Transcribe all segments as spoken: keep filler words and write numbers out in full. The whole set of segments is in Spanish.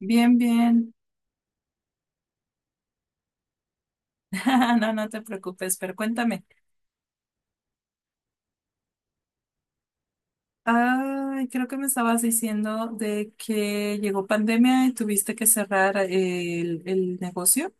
Bien, bien. No, no te preocupes, pero cuéntame. Ay, creo que me estabas diciendo de que llegó pandemia y tuviste que cerrar eh, el, el negocio.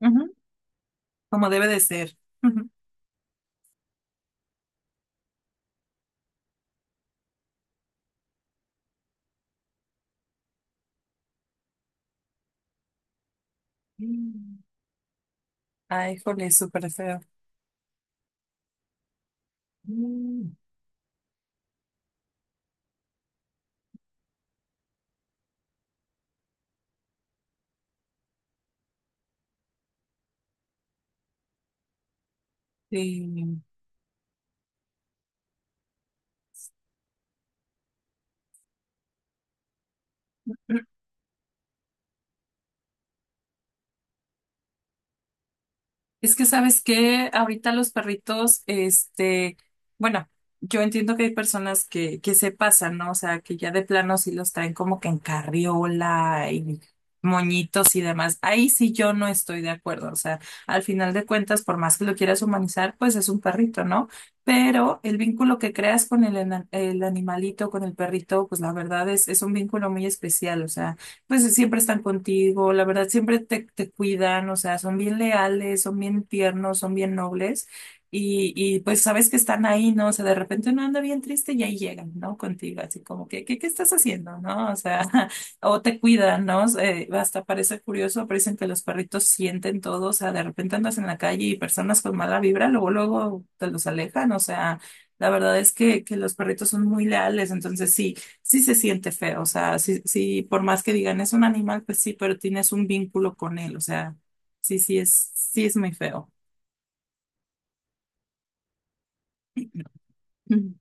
Ujú. Como debe de ser. Ujú. Mm. Ay, jole, súper feo. Mm. Sí. Es que sabes que ahorita los perritos, este, bueno, yo entiendo que hay personas que, que se pasan, ¿no? O sea, que ya de plano sí los traen como que en carriola y moñitos y demás. Ahí sí yo no estoy de acuerdo. O sea, al final de cuentas, por más que lo quieras humanizar, pues es un perrito, ¿no? Pero el vínculo que creas con el, ena- el animalito, con el perrito, pues la verdad es, es un vínculo muy especial. O sea, pues siempre están contigo, la verdad, siempre te, te cuidan, o sea, son bien leales, son bien tiernos, son bien nobles y, y pues sabes que están ahí, ¿no? O sea, de repente uno anda bien triste y ahí llegan, ¿no? Contigo, así como que, ¿qué, qué estás haciendo? ¿No? O sea, o te cuidan, ¿no? Eh, hasta parece curioso, parecen que los perritos sienten todo, o sea, de repente andas en la calle y personas con mala vibra, luego, luego te los alejan, o sea, la verdad es que, que los perritos son muy leales, entonces sí sí se siente feo, o sea, sí, sí, por más que digan es un animal, pues sí, pero tienes un vínculo con él, o sea, sí, sí es, sí es muy feo. Ujú,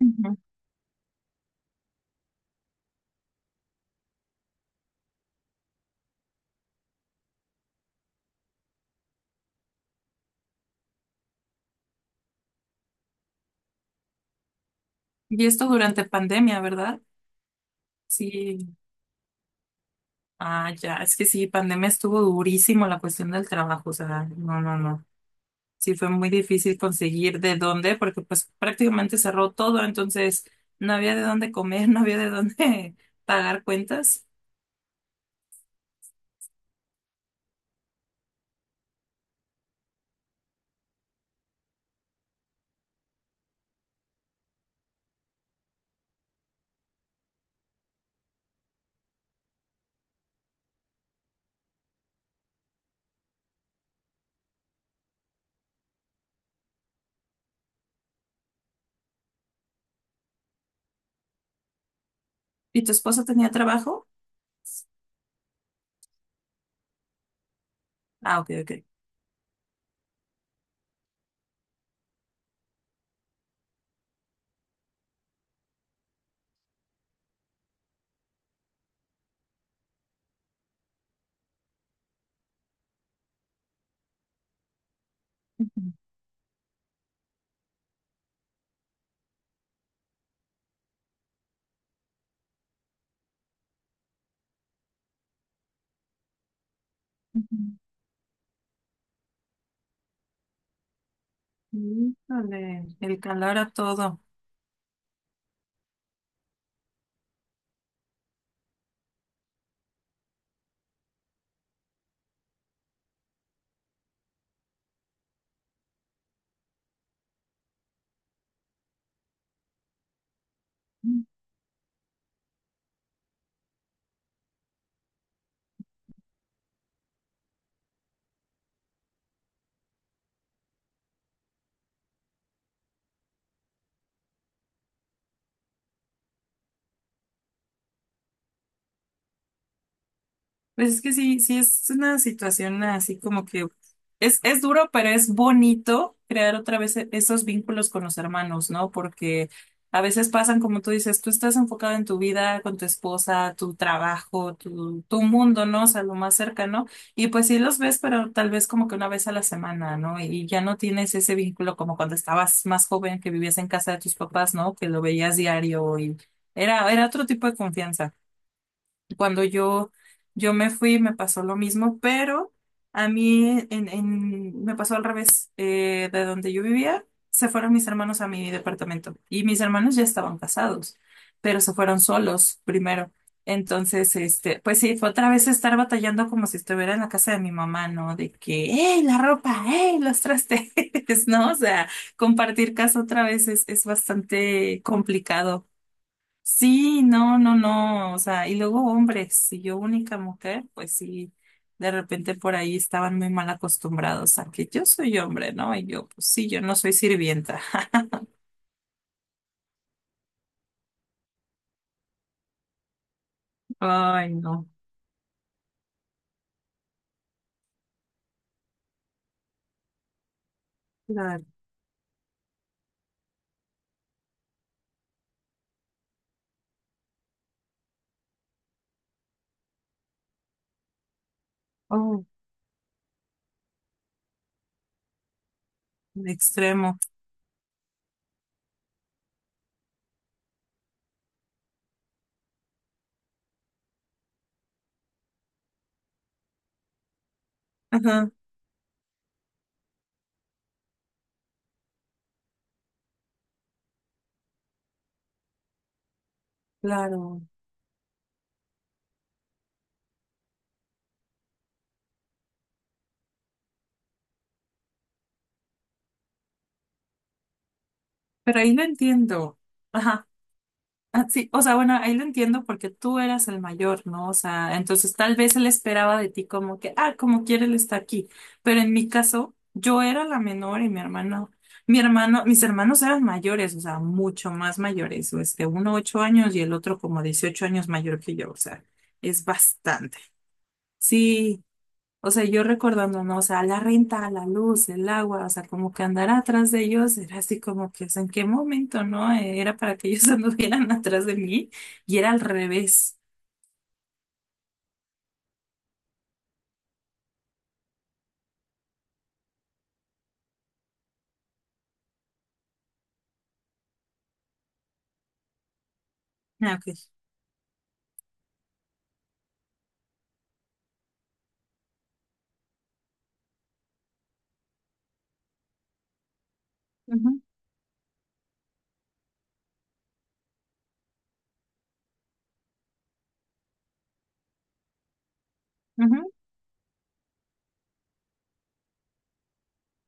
ujú. Y esto durante pandemia, ¿verdad? Sí, ah, ya, es que sí, pandemia estuvo durísimo la cuestión del trabajo, o sea, no, no, no. Sí, fue muy difícil conseguir de dónde, porque pues prácticamente cerró todo, entonces no había de dónde comer, no había de dónde pagar cuentas. ¿Y tu esposo tenía trabajo? Ah, ok, ok. Ujú. Híjole, el calor a todo. Pues es que sí, sí es una situación así como que es, es duro, pero es bonito crear otra vez e- esos vínculos con los hermanos, ¿no? Porque a veces pasan, como tú dices, tú estás enfocado en tu vida, con tu esposa, tu trabajo, tu, tu mundo, ¿no? O sea, lo más cercano. Y pues sí los ves, pero tal vez como que una vez a la semana, ¿no? Y ya no tienes ese vínculo como cuando estabas más joven, que vivías en casa de tus papás, ¿no? Que lo veías diario y era, era otro tipo de confianza. Cuando yo, yo me fui, me pasó lo mismo, pero a mí en, en- me pasó al revés. Eh, de donde yo vivía, se fueron mis hermanos a mi departamento y mis hermanos ya estaban casados, pero se fueron solos primero. Entonces, este, pues sí, fue otra vez estar batallando como si estuviera en la casa de mi mamá, ¿no? De que, ¡hey, la ropa! ¡Hey, los trastes! ¿No? O sea, compartir casa otra vez es, es bastante complicado. Sí, no, no, no, o sea, y luego hombres, si yo única mujer, pues sí, de repente por ahí estaban muy mal acostumbrados a que yo soy hombre, ¿no? Y yo, pues sí, yo no soy sirvienta. Ay, no, claro, oh, un extremo, ajá, claro, pero ahí lo entiendo, ajá. Ah, sí, o sea, bueno, ahí lo entiendo porque tú eras el mayor, ¿no? O sea, entonces tal vez él esperaba de ti como que, ah, como quiere él está aquí. Pero en mi caso, yo era la menor y mi hermano, mi hermano, mis hermanos eran mayores, o sea, mucho más mayores, o este, uno ocho años y el otro como dieciocho años mayor que yo, o sea, es bastante. Sí, o sea, yo recordando, no, o sea, la renta, la luz, el agua, o sea, como que andar atrás de ellos era así como que, o sea, ¿en qué momento, no? Eh, era para que ellos anduvieran atrás de mí y era al revés. Ah, ok. Ujú, ujú.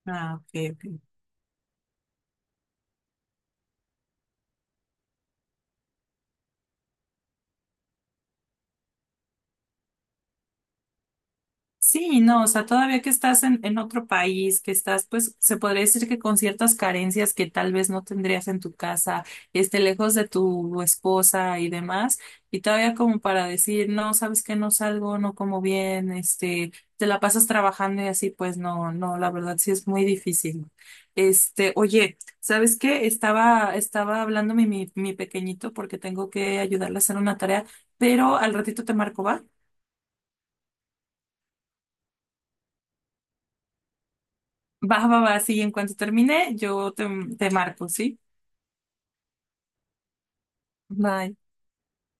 Ah, ok, ok. Sí, no, o sea, todavía que estás en, en otro país, que estás, pues, se podría decir que con ciertas carencias que tal vez no tendrías en tu casa, este, lejos de tu esposa y demás, y todavía como para decir, no, sabes que no salgo, no como bien, este, te la pasas trabajando y así, pues no, no, la verdad sí es muy difícil. Este, oye, ¿sabes qué? Estaba, estaba hablando mi, mi mi pequeñito porque tengo que ayudarle a hacer una tarea, pero al ratito te marco, ¿va? Va, va, va, sí, en cuanto termine, yo te, te marco, ¿sí? Bye.